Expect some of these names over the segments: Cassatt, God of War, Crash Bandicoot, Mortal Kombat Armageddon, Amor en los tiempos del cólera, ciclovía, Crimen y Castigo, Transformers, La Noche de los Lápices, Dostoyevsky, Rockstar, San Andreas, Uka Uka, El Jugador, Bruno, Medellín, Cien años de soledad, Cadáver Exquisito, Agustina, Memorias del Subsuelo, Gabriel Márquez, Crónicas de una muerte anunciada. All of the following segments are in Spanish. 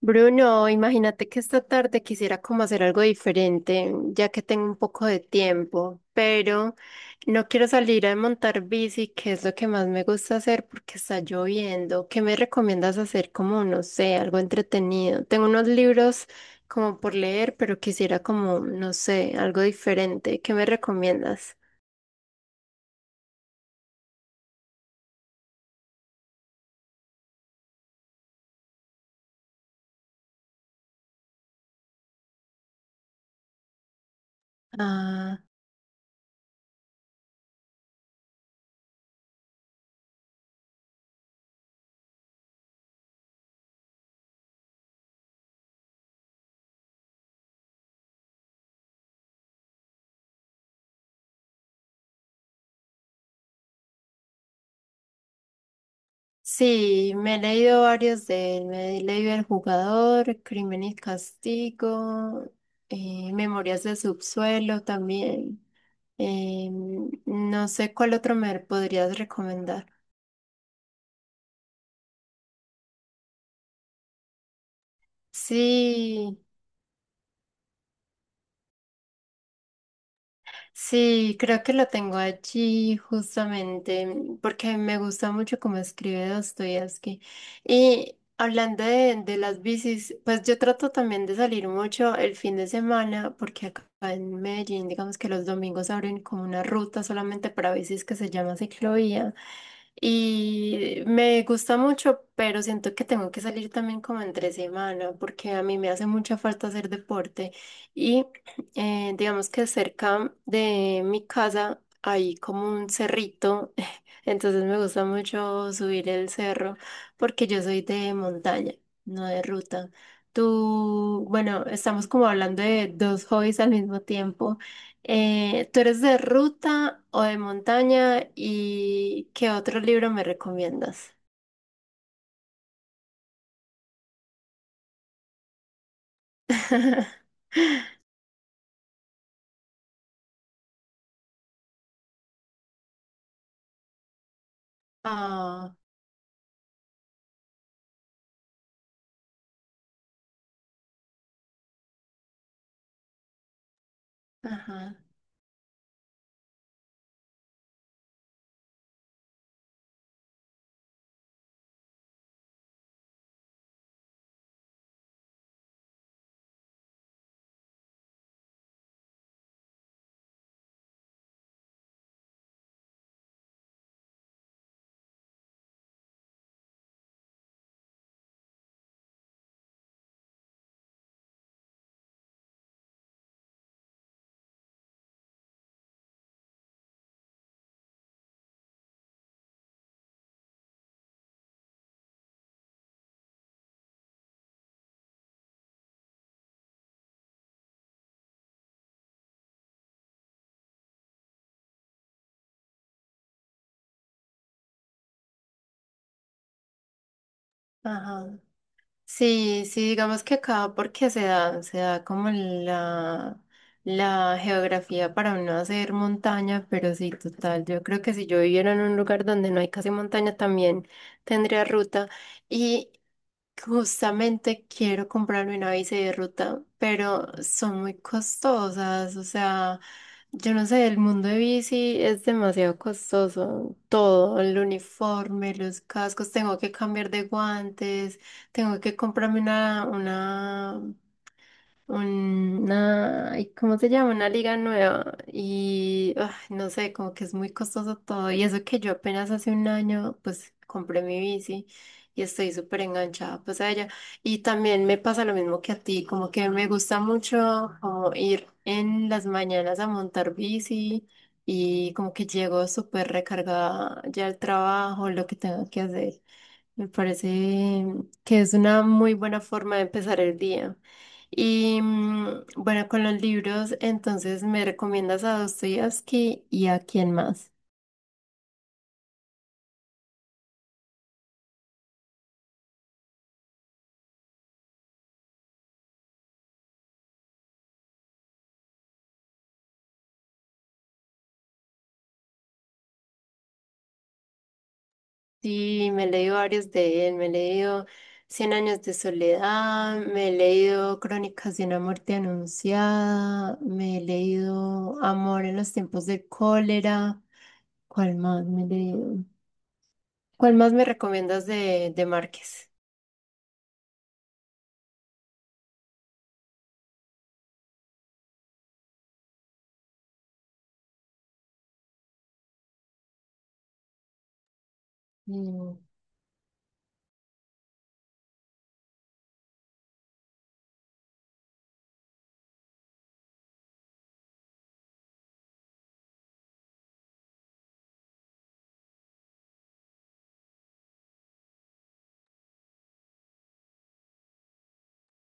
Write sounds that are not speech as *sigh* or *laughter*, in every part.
Bruno, imagínate que esta tarde quisiera como hacer algo diferente, ya que tengo un poco de tiempo, pero no quiero salir a montar bici, que es lo que más me gusta hacer porque está lloviendo. ¿Qué me recomiendas hacer como, no sé, algo entretenido? Tengo unos libros como por leer, pero quisiera como, no sé, algo diferente. ¿Qué me recomiendas? Sí, me he leído varios de él. Me he leído El Jugador, Crimen y Castigo, Memorias del Subsuelo también. Eh, no sé cuál otro me podrías recomendar. Sí. Sí, creo que lo tengo allí justamente porque me gusta mucho cómo escribe Dostoyevsky. Y hablando de las bicis, pues yo trato también de salir mucho el fin de semana porque acá en Medellín, digamos que los domingos abren como una ruta solamente para bicis que se llama ciclovía. Y me gusta mucho, pero siento que tengo que salir también como entre semana porque a mí me hace mucha falta hacer deporte. Y digamos que cerca de mi casa hay como un cerrito, *laughs* entonces me gusta mucho subir el cerro porque yo soy de montaña, no de ruta. Tú, bueno, estamos como hablando de dos hobbies al mismo tiempo. ¿Tú eres de ruta o de montaña? ¿Y qué otro libro me recomiendas? *laughs* Ah, ajá, ajá. Sí, sí, digamos que acá porque se da como la geografía para uno hacer montaña, pero sí, total, yo creo que si yo viviera en un lugar donde no hay casi montaña también tendría ruta. Y justamente quiero comprarme una bici de ruta, pero son muy costosas. O sea, yo no sé, el mundo de bici es demasiado costoso. Todo, el uniforme, los cascos, tengo que cambiar de guantes, tengo que comprarme una, ay, ¿cómo se llama? Una liga nueva. Y ah, no sé, como que es muy costoso todo. Y eso que yo apenas hace un año, pues compré mi bici y estoy súper enganchada pues a ella. Y también me pasa lo mismo que a ti, como que me gusta mucho como ir en las mañanas a montar bici y como que llego súper recargada ya al trabajo, lo que tengo que hacer. Me parece que es una muy buena forma de empezar el día. Y bueno, con los libros, entonces me recomiendas a Dostoyevsky y a quién más. Sí, me he leído varios de él, me he leído Cien años de soledad, me he leído Crónicas de una muerte anunciada, me he leído Amor en los tiempos del cólera. ¿Cuál más me he leído? ¿Cuál más me recomiendas de Márquez? Mm.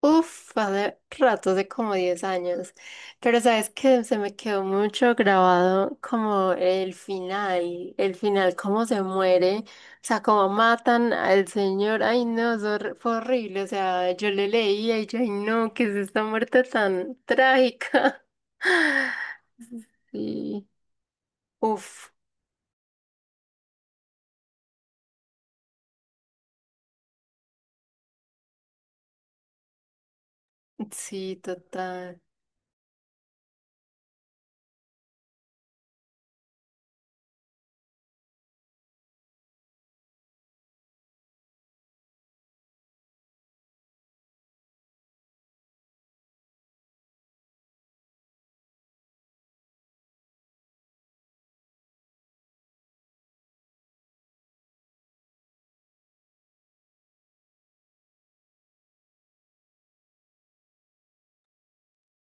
Uf, hace rato, hace como 10 años. Pero sabes que se me quedó mucho grabado como el final, cómo se muere, o sea, cómo matan al señor. Ay, no, eso fue horrible. O sea, yo le leía y yo, ay, no, qué es esta muerte tan trágica. *laughs* Sí, uf, sí, total.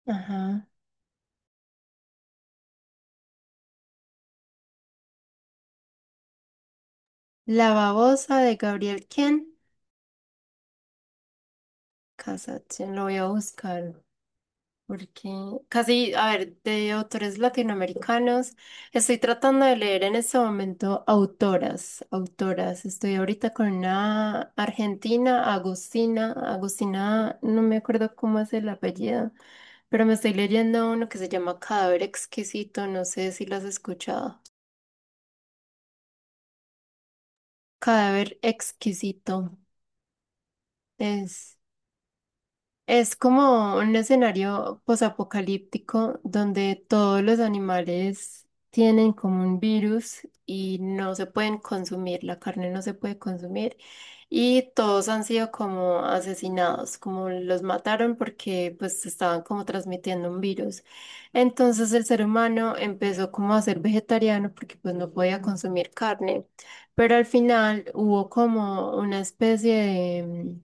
Ajá. La babosa de Gabriel, ¿quién? Cassatt, lo voy a buscar. Porque casi, a ver, de autores latinoamericanos, estoy tratando de leer en este momento autoras, autoras. Estoy ahorita con una argentina, Agustina, Agustina, no me acuerdo cómo es el apellido, pero me estoy leyendo uno que se llama Cadáver Exquisito, no sé si lo has escuchado. Cadáver Exquisito es... Es como un escenario posapocalíptico donde todos los animales tienen como un virus y no se pueden consumir, la carne no se puede consumir y todos han sido como asesinados, como los mataron porque pues estaban como transmitiendo un virus. Entonces el ser humano empezó como a ser vegetariano porque pues no podía consumir carne, pero al final hubo como una especie de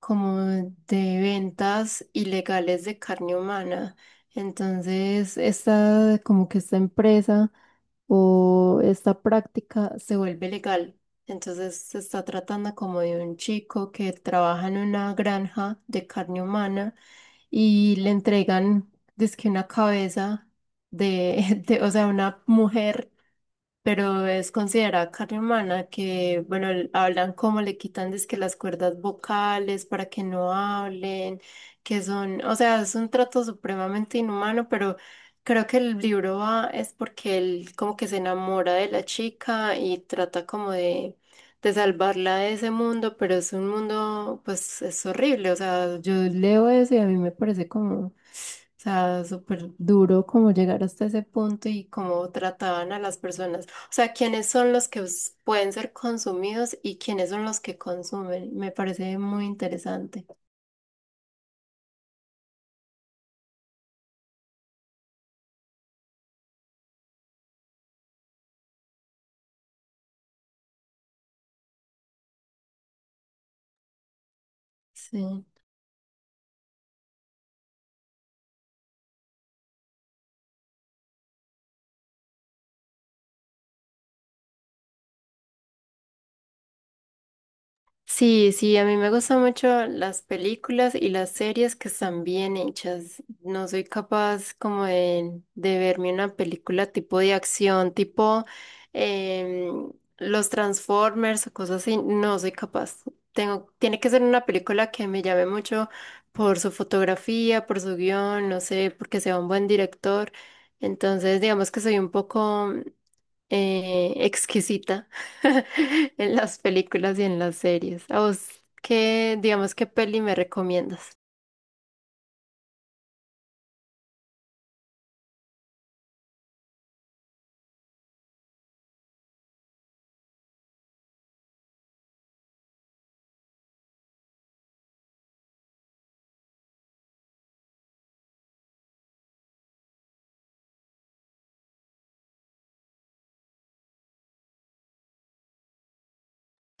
como de ventas ilegales de carne humana. Entonces, esta, como que esta empresa o esta práctica se vuelve legal. Entonces, se está tratando como de un chico que trabaja en una granja de carne humana y le entregan, dizque una cabeza de, *laughs* de, o sea, una mujer pero es considerada carne humana que, bueno, hablan cómo le quitan que las cuerdas vocales para que no hablen, que son, o sea, es un trato supremamente inhumano, pero creo que el libro va es porque él como que se enamora de la chica y trata como de salvarla de ese mundo, pero es un mundo, pues, es horrible, o sea, yo leo eso y a mí me parece como... O sea, súper duro como llegar hasta ese punto y cómo trataban a las personas. O sea, quiénes son los que pueden ser consumidos y quiénes son los que consumen. Me parece muy interesante. Sí. Sí, sí, a mí me gustan mucho las películas y las series que están bien hechas. No soy capaz como de verme una película tipo de acción, tipo em, los Transformers o cosas así. No soy capaz. Tengo, tiene que ser una película que me llame mucho por su fotografía, por su guión, no sé, porque sea un buen director. Entonces, digamos que soy un poco exquisita *laughs* en las películas y en las series. ¿A vos qué, digamos, qué peli me recomiendas?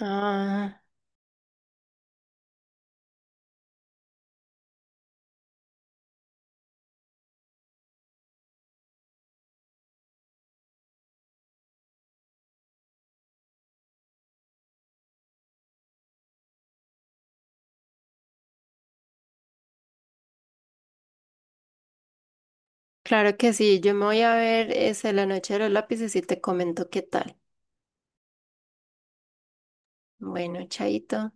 Ah, claro que sí, yo me voy a ver esa La Noche de los Lápices y te comento qué tal. Bueno, chaito.